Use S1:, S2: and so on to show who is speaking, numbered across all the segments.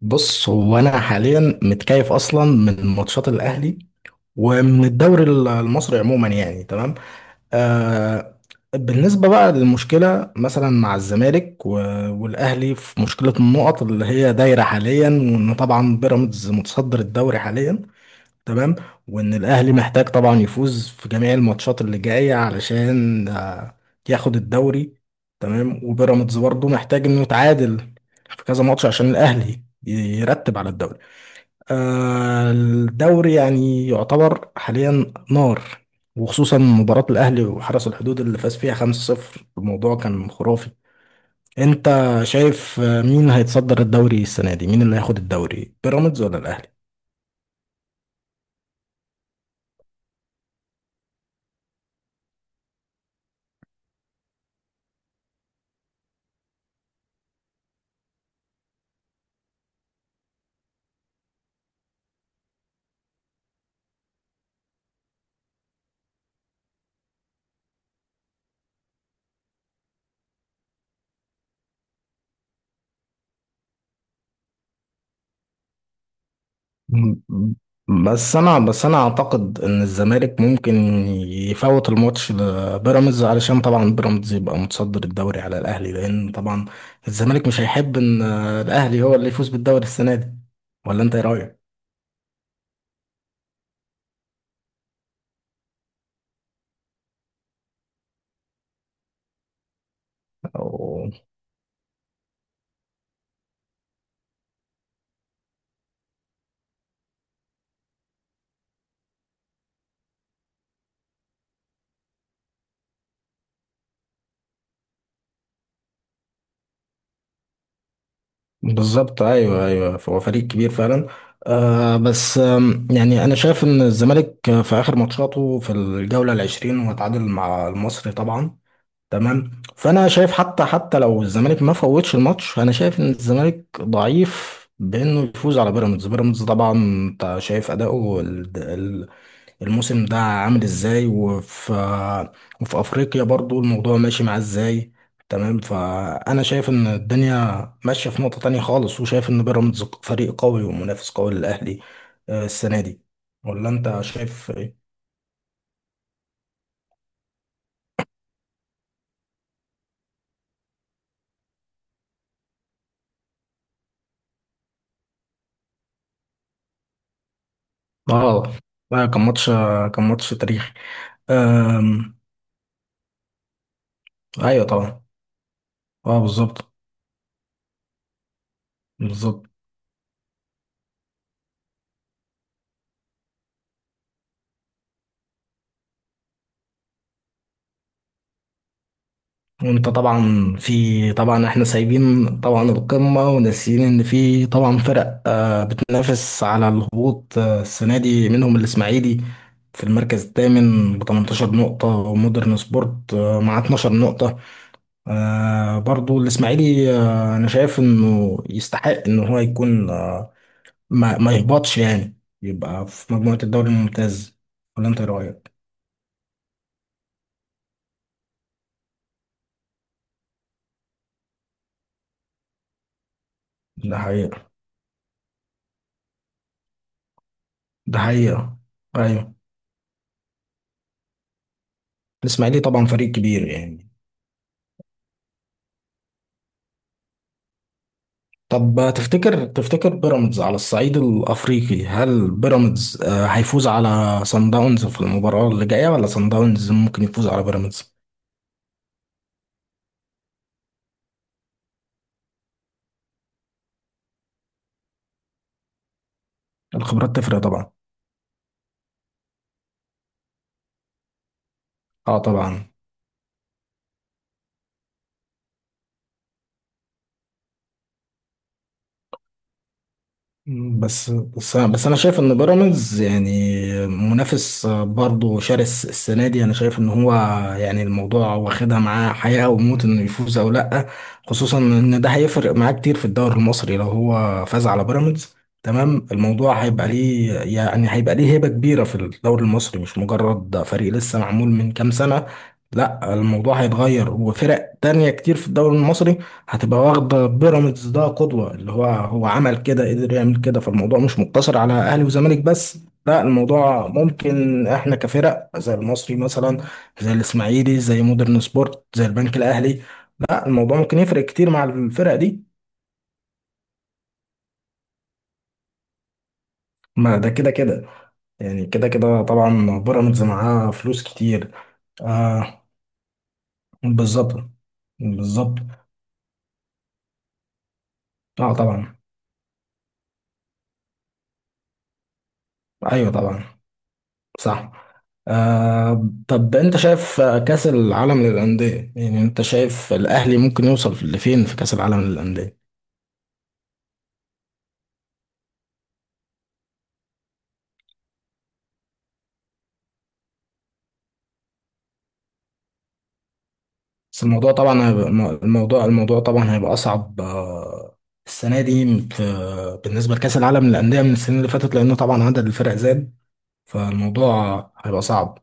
S1: بص هو انا حاليا متكيف اصلا من ماتشات الاهلي ومن الدوري المصري عموما يعني تمام. آه، بالنسبه بقى للمشكله مثلا مع الزمالك والاهلي في مشكله النقط اللي هي دايره حاليا، وان طبعا بيراميدز متصدر الدوري حاليا. تمام، وان الاهلي محتاج طبعا يفوز في جميع الماتشات اللي جايه علشان ياخد الدوري. تمام، وبيراميدز برضه محتاج انه يتعادل في كذا ماتش عشان يرتب على الدوري. آه، الدوري يعني يعتبر حاليا نار، وخصوصا مباراة الأهلي وحرس الحدود اللي فاز فيها 5-0. الموضوع كان خرافي. أنت شايف مين هيتصدر الدوري السنة دي؟ مين اللي هياخد الدوري، بيراميدز ولا الأهلي؟ م- بس انا اعتقد ان الزمالك ممكن يفوت الماتش لبيراميدز علشان طبعا بيراميدز يبقى متصدر الدوري على الاهلي، لان طبعا الزمالك مش هيحب ان الاهلي هو اللي يفوز بالدوري السنه دي. ولا انت ايه رايك؟ أو- بالظبط، ايوه ايوه، هو فريق كبير فعلا. آه، بس يعني انا شايف ان الزمالك في اخر ماتشاته في الجوله العشرين هو تعادل مع المصري طبعا. تمام، فانا شايف حتى لو الزمالك ما فوتش الماتش، انا شايف ان الزمالك ضعيف بانه يفوز على بيراميدز. بيراميدز طبعا انت شايف اداؤه الموسم ده عامل ازاي، وفي افريقيا برضو الموضوع ماشي معاه ازاي. تمام، فانا شايف ان الدنيا ماشيه في نقطه تانية خالص، وشايف ان بيراميدز فريق قوي ومنافس قوي للاهلي آه، السنه دي. ولا انت شايف ايه؟ اه، لا، كان ماتش تاريخي. أم، ايوه طبعا. اه بالظبط. بالظبط. وانت طبعا في طبعا، احنا سايبين طبعا القمه وناسيين ان في طبعا فرق آه بتنافس على الهبوط آه السنه دي، منهم الاسماعيلي في المركز الثامن ب 18 نقطه، ومودرن سبورت آه مع 12 نقطه. آه، برضو الاسماعيلي آه انا شايف انه يستحق ان هو يكون آه ما يهبطش، يعني يبقى في مجموعه الدوري الممتاز. ولا انت إيه رايك؟ ده حقيقي. ده حقيقة. أيوة. الإسماعيلي طبعا فريق كبير يعني. طب تفتكر بيراميدز على الصعيد الأفريقي، هل بيراميدز آه، هيفوز على صن داونز في المباراة اللي جاية، ولا صن داونز ممكن يفوز على بيراميدز؟ الخبرات تفرق طبعا. اه طبعا. بس انا شايف ان بيراميدز يعني منافس برضه شرس السنه دي، انا شايف ان هو يعني الموضوع واخدها معاه حياه وموت انه يفوز او لا. خصوصا ان ده هيفرق معاه كتير في الدوري المصري لو هو فاز على بيراميدز. تمام، الموضوع هيبقى ليه يعني هيبقى ليه هيبه كبيره في الدوري المصري، مش مجرد فريق لسه معمول من كام سنه. لا، الموضوع هيتغير، وفرق تانية كتير في الدوري المصري هتبقى واخدة بيراميدز ده قدوة، اللي هو هو عمل كده قدر يعمل كده. فالموضوع مش مقتصر على أهلي وزمالك بس، لا الموضوع ممكن احنا كفرق زي المصري مثلا، زي الإسماعيلي، زي مودرن سبورت، زي البنك الأهلي. لا، الموضوع ممكن يفرق كتير مع الفرق دي. ما ده كده كده، يعني كده كده طبعا بيراميدز معاه فلوس كتير. آه. بالظبط. بالظبط. اه طبعا. ايوه طبعا. صح. آه، طب انت شايف آه، كأس العالم للأندية، يعني انت شايف الأهلي ممكن يوصل لفين في كأس العالم للأندية؟ بس الموضوع طبعا هيبقى، الموضوع طبعا هيبقى أصعب آه، السنة دي في بالنسبة لكأس العالم للأندية من السنين اللي فاتت، لأنه طبعا عدد الفرق زاد، فالموضوع هيبقى صعب.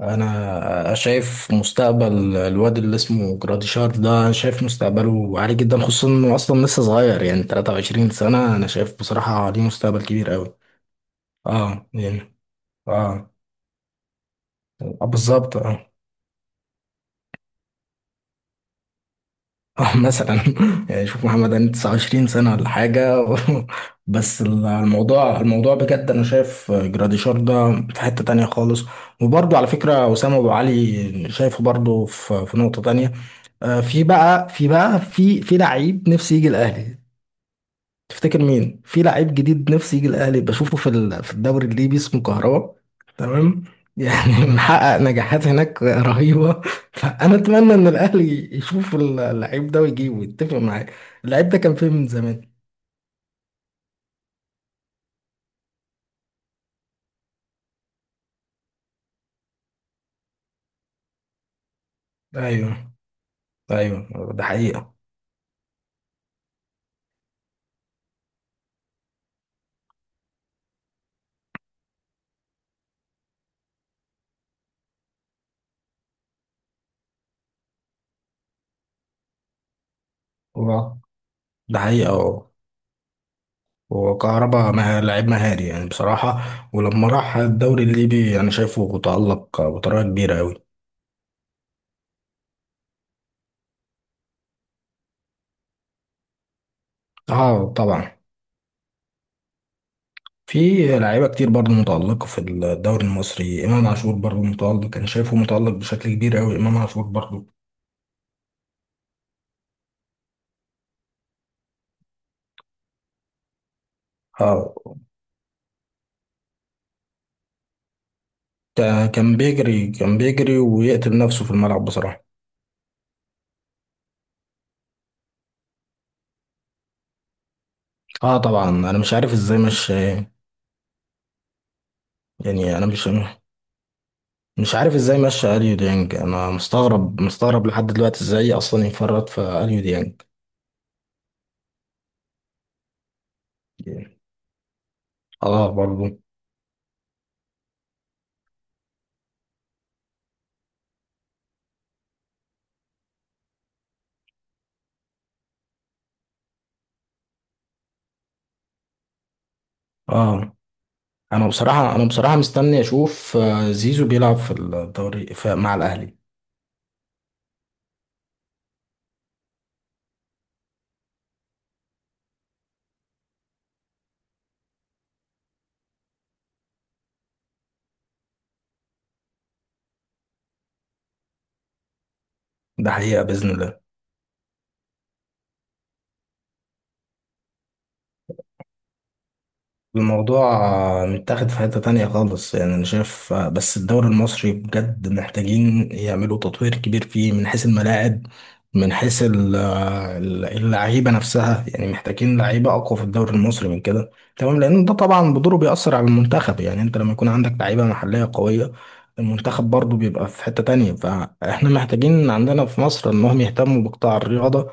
S1: انا شايف مستقبل الواد اللي اسمه جراديشار ده، أنا شايف مستقبله عالي جدا، خصوصا انه اصلا لسه صغير يعني 23 سنة. انا شايف بصراحة ليه مستقبل كبير قوي. اه يعني. اه. آه، بالظبط اه. اه مثلا يعني شوف محمد أنا 29 سنة ولا حاجة. بس الموضوع الموضوع بجد، أنا شايف جراديشار ده في حتة تانية خالص. وبرضه على فكرة أسامة أبو علي شايفه برضه في نقطة تانية. آه، في بقى في بقى في لعيب نفسي يجي الأهلي. تفتكر مين في لعيب جديد نفسي يجي الاهلي بشوفه في الدوري الليبي اسمه كهربا. تمام. يعني محقق نجاحات هناك رهيبة. فأنا أتمنى إن الأهلي يشوف اللعيب ده ويجيبه ويتفق معاه. اللعيب ده كان فين من زمان. أيوه. أيوه، ده حقيقة. هو، ده حقيقة. هو، هو كهربا لعيب مهاري يعني بصراحة. ولما راح الدوري الليبي أنا شايفه تألق بطريقة كبيرة أوي. اه طبعا. في لعيبة كتير برضه متألقة في الدوري المصري، إمام عاشور برضه متألق، كان شايفه متألق بشكل كبير أوي إمام عاشور برضه. آه، كان بيجري ويقتل نفسه في الملعب بصراحة. اه طبعا، انا مش عارف ازاي مش، يعني انا مش عارف ازاي مشى اليو ديانج، انا مستغرب لحد دلوقتي ازاي اصلا يفرط في اليو ديانج. اه برضه. اه، انا بصراحة، انا بصراحة مستني اشوف آه، زيزو بيلعب في الدوري مع الاهلي. ده حقيقة بإذن الله. الموضوع متاخد في حتة تانية خالص، يعني أنا شايف بس الدوري المصري بجد محتاجين يعملوا تطوير كبير فيه من حيث الملاعب، من حيث اللعيبة نفسها. يعني محتاجين لعيبة أقوى في الدوري المصري من كده. تمام، لأن ده طبعا بدوره بيأثر على المنتخب، يعني أنت لما يكون عندك لعيبة محلية قوية، المنتخب برضه بيبقى في حتة تانية. فإحنا محتاجين عندنا في مصر إنهم يهتموا بقطاع الرياضة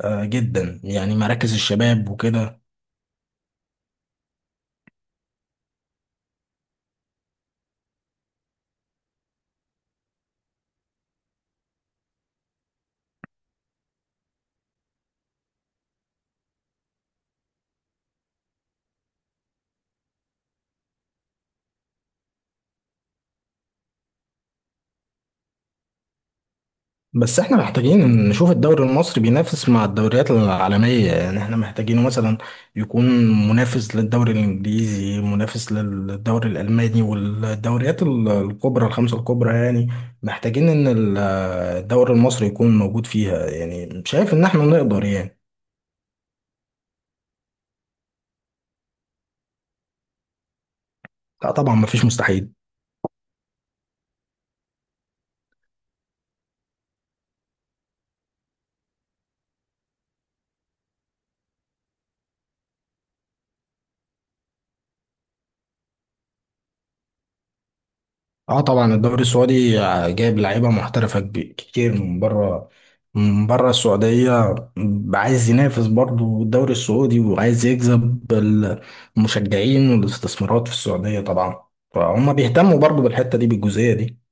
S1: آه، جدا، يعني مراكز الشباب وكده. بس احنا محتاجين نشوف الدوري المصري بينافس مع الدوريات العالمية، يعني احنا محتاجينه مثلا يكون منافس للدوري الانجليزي، منافس للدوري الالماني والدوريات الكبرى، الخمسة الكبرى يعني. محتاجين ان الدوري المصري يكون موجود فيها. يعني شايف ان احنا نقدر يعني. لا طبعا، مفيش مستحيل. اه طبعا، الدوري السعودي جايب لعيبه محترفه كتير من بره، من بره السعوديه. عايز ينافس برضه الدوري السعودي، وعايز يجذب المشجعين والاستثمارات في السعوديه طبعا. فهم بيهتموا برضه بالحته دي، بالجزئيه دي.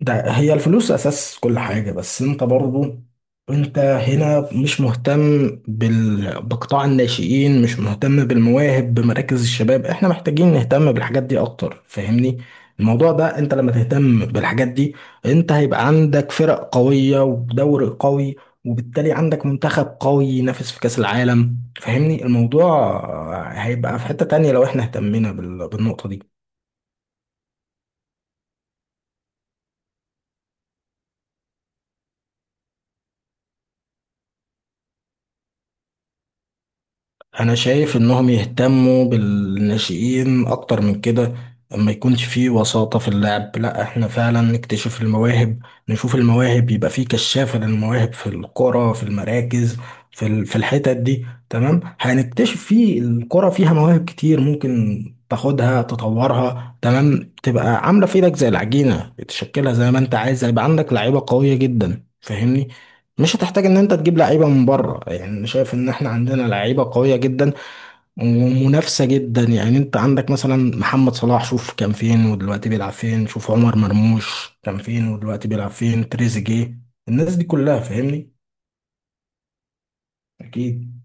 S1: ده هي الفلوس اساس كل حاجة. بس انت برضو، انت هنا مش مهتم بال... بقطاع الناشئين، مش مهتم بالمواهب، بمراكز الشباب. احنا محتاجين نهتم بالحاجات دي اكتر، فاهمني الموضوع ده؟ انت لما تهتم بالحاجات دي، انت هيبقى عندك فرق قوية ودوري قوي، وبالتالي عندك منتخب قوي ينافس في كأس العالم. فاهمني الموضوع هيبقى في حتة تانية لو احنا اهتمينا بال... بالنقطة دي. انا شايف انهم يهتموا بالناشئين اكتر من كده، ما يكونش فيه وساطة في اللعب، لا احنا فعلا نكتشف المواهب، نشوف المواهب، يبقى فيه كشافة للمواهب في القرى، في المراكز، في الحتت دي. تمام، هنكتشف فيه القرى فيها مواهب كتير، ممكن تاخدها تطورها. تمام، تبقى عاملة في ايدك زي العجينة تشكلها زي ما انت عايز. هيبقى عندك لعيبة قوية جدا، فاهمني؟ مش هتحتاج ان انت تجيب لعيبه من بره. يعني انا شايف ان احنا عندنا لعيبه قويه جدا ومنافسه جدا، يعني انت عندك مثلا محمد صلاح، شوف كان فين ودلوقتي بيلعب فين، شوف عمر مرموش كان فين ودلوقتي بيلعب فين، تريزيجيه، الناس دي كلها، فاهمني؟ اكيد.